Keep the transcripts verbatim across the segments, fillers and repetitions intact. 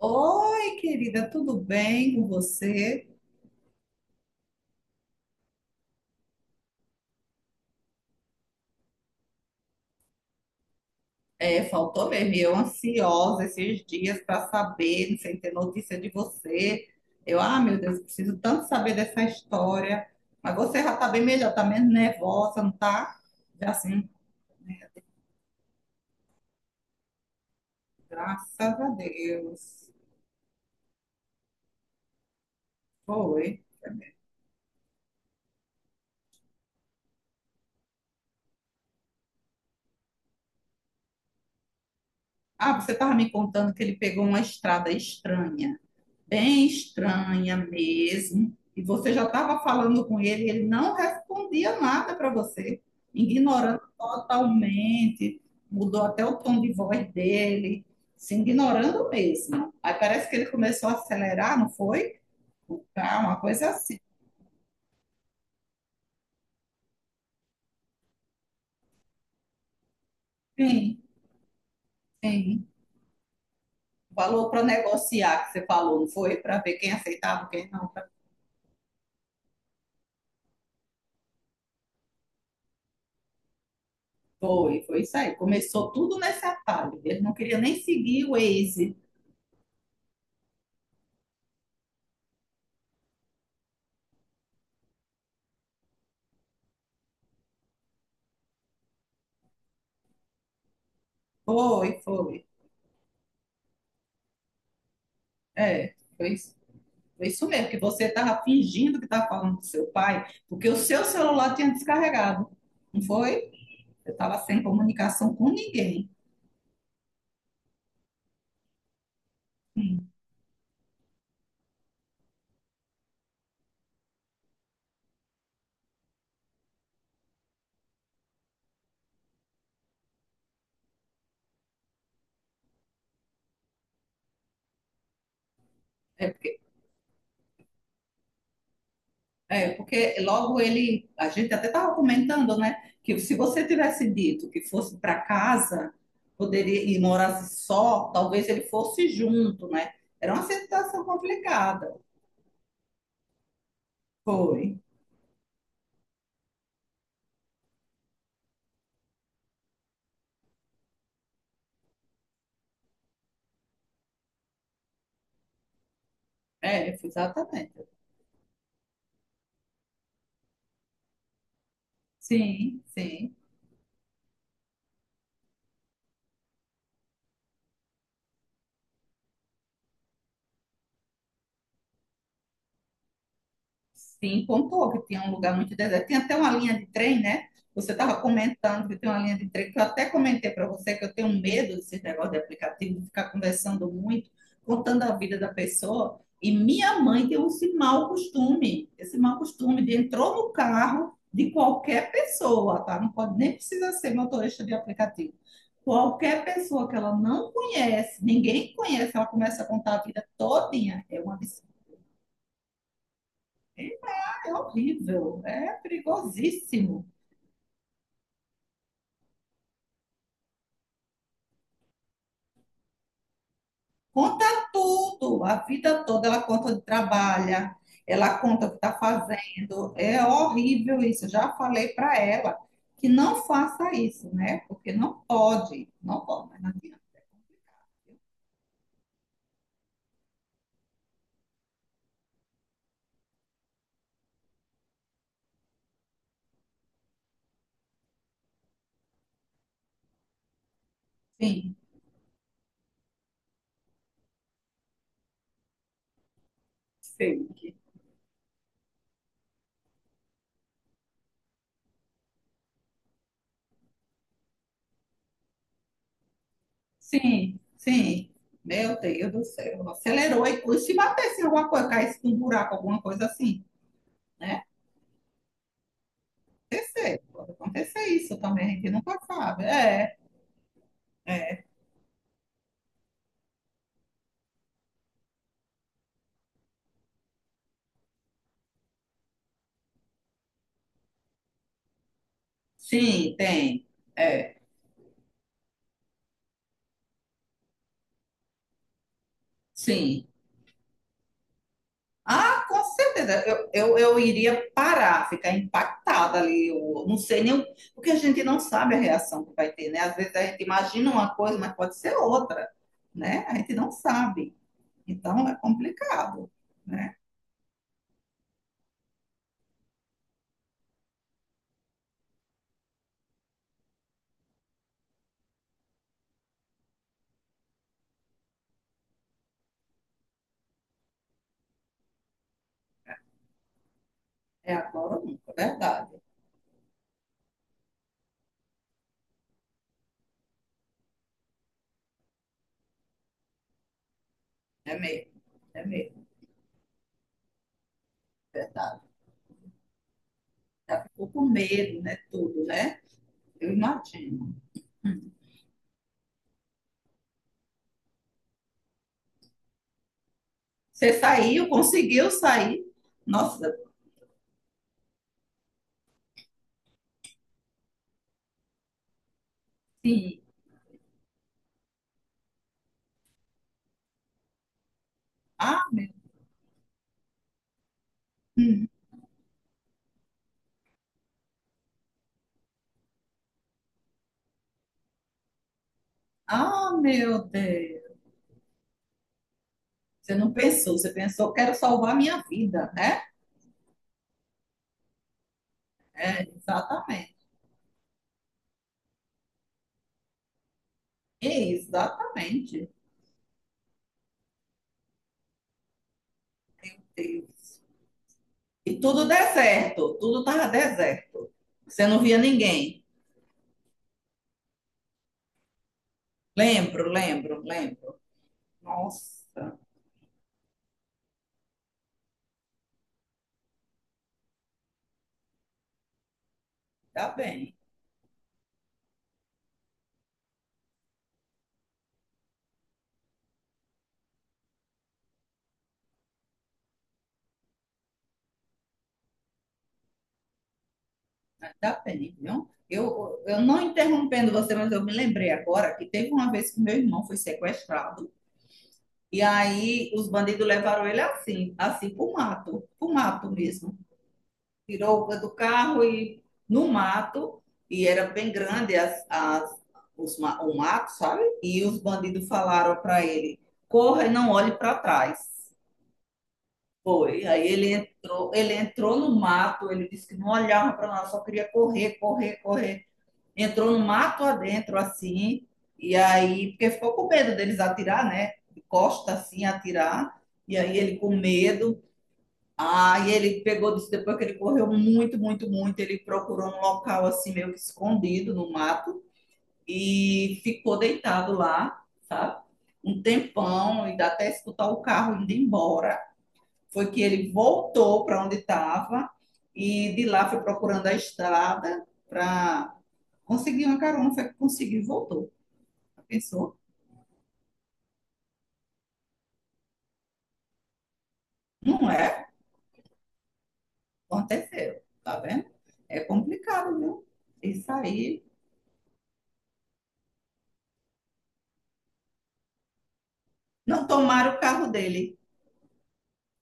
Oi, querida, tudo bem com você? É, faltou mesmo, e eu ansiosa esses dias para saber, sem ter notícia de você. Eu, ah, meu Deus, preciso tanto saber dessa história. Mas você já está bem melhor, tá menos nervosa, não tá? Já assim, graças a Deus. Foi. Ah, você estava me contando que ele pegou uma estrada estranha. Bem estranha mesmo. E você já estava falando com ele, e ele não respondia nada para você, ignorando totalmente, mudou até o tom de voz dele, se ignorando mesmo. Aí parece que ele começou a acelerar, não foi? Tá, uma coisa assim. Sim, sim. Falou para negociar, que você falou, não foi? Para ver quem aceitava, quem não. Foi, foi isso aí. Começou tudo nesse atalho. Ele não queria nem seguir o Waze. Foi, foi. É, foi isso, foi isso mesmo, que você estava fingindo que estava falando com seu pai, porque o seu celular tinha descarregado, não foi? Eu estava sem comunicação com ninguém. Hum. É porque, é porque logo ele, a gente até estava comentando, né, que se você tivesse dito que fosse para casa, poderia e morasse só, talvez ele fosse junto, né? Era uma situação complicada. Foi. É, foi exatamente. Sim, sim. Sim, pontuou que tinha um lugar muito deserto. Tem até uma linha de trem, né? Você estava comentando que tem uma linha de trem, que eu até comentei para você que eu tenho medo desse negócio de aplicativo, de ficar conversando muito, contando a vida da pessoa. E minha mãe tem esse mau costume, esse mau costume de entrou no carro de qualquer pessoa, tá? Não pode nem precisa ser motorista de aplicativo. Qualquer pessoa que ela não conhece, ninguém conhece, ela começa a contar a vida todinha. É uma, abs- é horrível, é perigosíssimo. Conta tudo, a vida toda. Ela conta onde trabalha, ela conta o que está fazendo. É horrível isso. Eu já falei para ela que não faça isso, né? Porque não pode, não pode, mas não adianta. É complicado. Sim. Fake. Sim, sim. Meu Deus do céu, acelerou. E e se batesse em alguma coisa, caísse num buraco, alguma coisa assim, né? Acontecer, pode acontecer isso também, a gente nunca sabe. É. Sim, tem. É, sim. Ah, com certeza. Eu, eu, eu iria parar, ficar impactada ali. Eu não sei nem. O- porque a gente não sabe a reação que vai ter, né? Às vezes a gente imagina uma coisa, mas pode ser outra, né? A gente não sabe. Então é complicado, né? É agora ou nunca, é verdade. É mesmo, é mesmo, é verdade. Já ficou com medo, né? Tudo, né? Eu imagino. Hum. Você saiu, conseguiu sair. Nossa, sim. Ah, hum. Ah, meu Deus. Você não pensou, você pensou, quero salvar minha vida, né? Exatamente. Exatamente. Deus. E tudo deserto, tudo estava deserto. Você não via ninguém. Lembro, lembro, lembro. Nossa, tá bem, tá bem, viu? Eu, eu não interrompendo você, mas eu me lembrei agora que teve uma vez que meu irmão foi sequestrado e aí os bandidos levaram ele assim, assim pro mato, pro mato mesmo. Tirou do carro e no mato, e era bem grande as, as, os, o mato, sabe? E os bandidos falaram para ele: corra e não olhe para trás. Foi. Aí ele entrou, ele entrou no mato, ele disse que não olhava para nós, só queria correr, correr, correr. Entrou no mato adentro, assim, e aí, porque ficou com medo deles atirar, né? De costa, assim, atirar. E aí ele com medo, ah, e ele pegou, disse, depois que ele correu muito, muito, muito, ele procurou um local assim meio que escondido no mato e ficou deitado lá, sabe? Um tempão, e dá até escutar o carro indo embora. Foi que ele voltou para onde estava e de lá foi procurando a estrada para conseguir uma carona, foi que conseguiu e voltou. Pensou, não é? Aconteceu, tá vendo? É complicado, viu? Isso aí. Não tomaram o carro dele.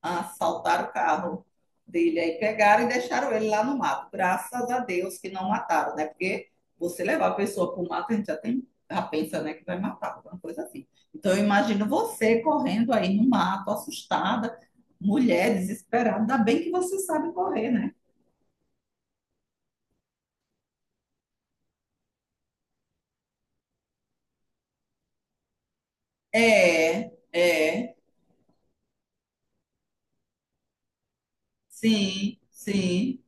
Assaltaram o carro dele aí, pegaram e deixaram ele lá no mato. Graças a Deus que não mataram, né? Porque você levar a pessoa para o mato, a gente já tem, já pensa, né, que vai matar, alguma coisa assim. Então, eu imagino você correndo aí no mato, assustada, mulher desesperada. Ainda bem que você sabe correr, né? É, é, sim, sim.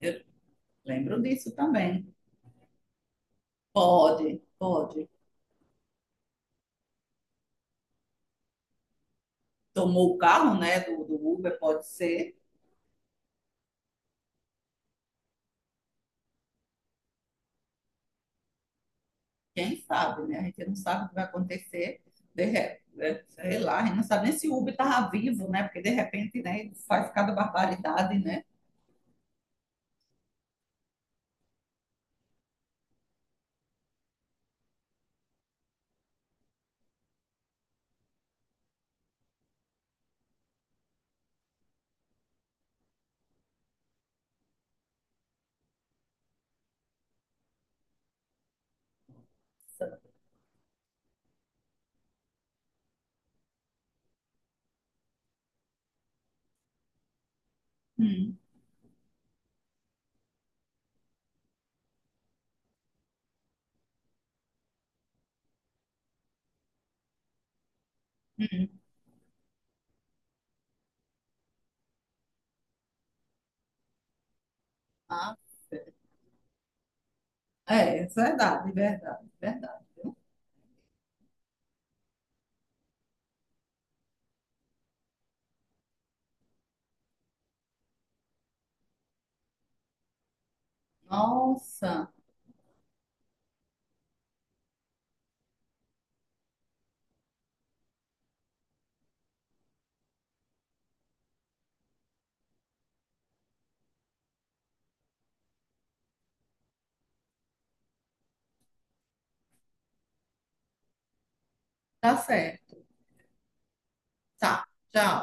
Eu lembro disso também. Pode, pode. Tomou o carro, né, do, do Uber, pode ser. Quem sabe, né? A gente não sabe o que vai acontecer. De repente, né? Sei lá, a gente não sabe nem se o Uber estava vivo, né? Porque de repente, né, ele faz cada barbaridade, né? Hum, hum. Ah, é, é verdade, verdade, verdade. Viu? Nossa, tá certo. Tá, tchau.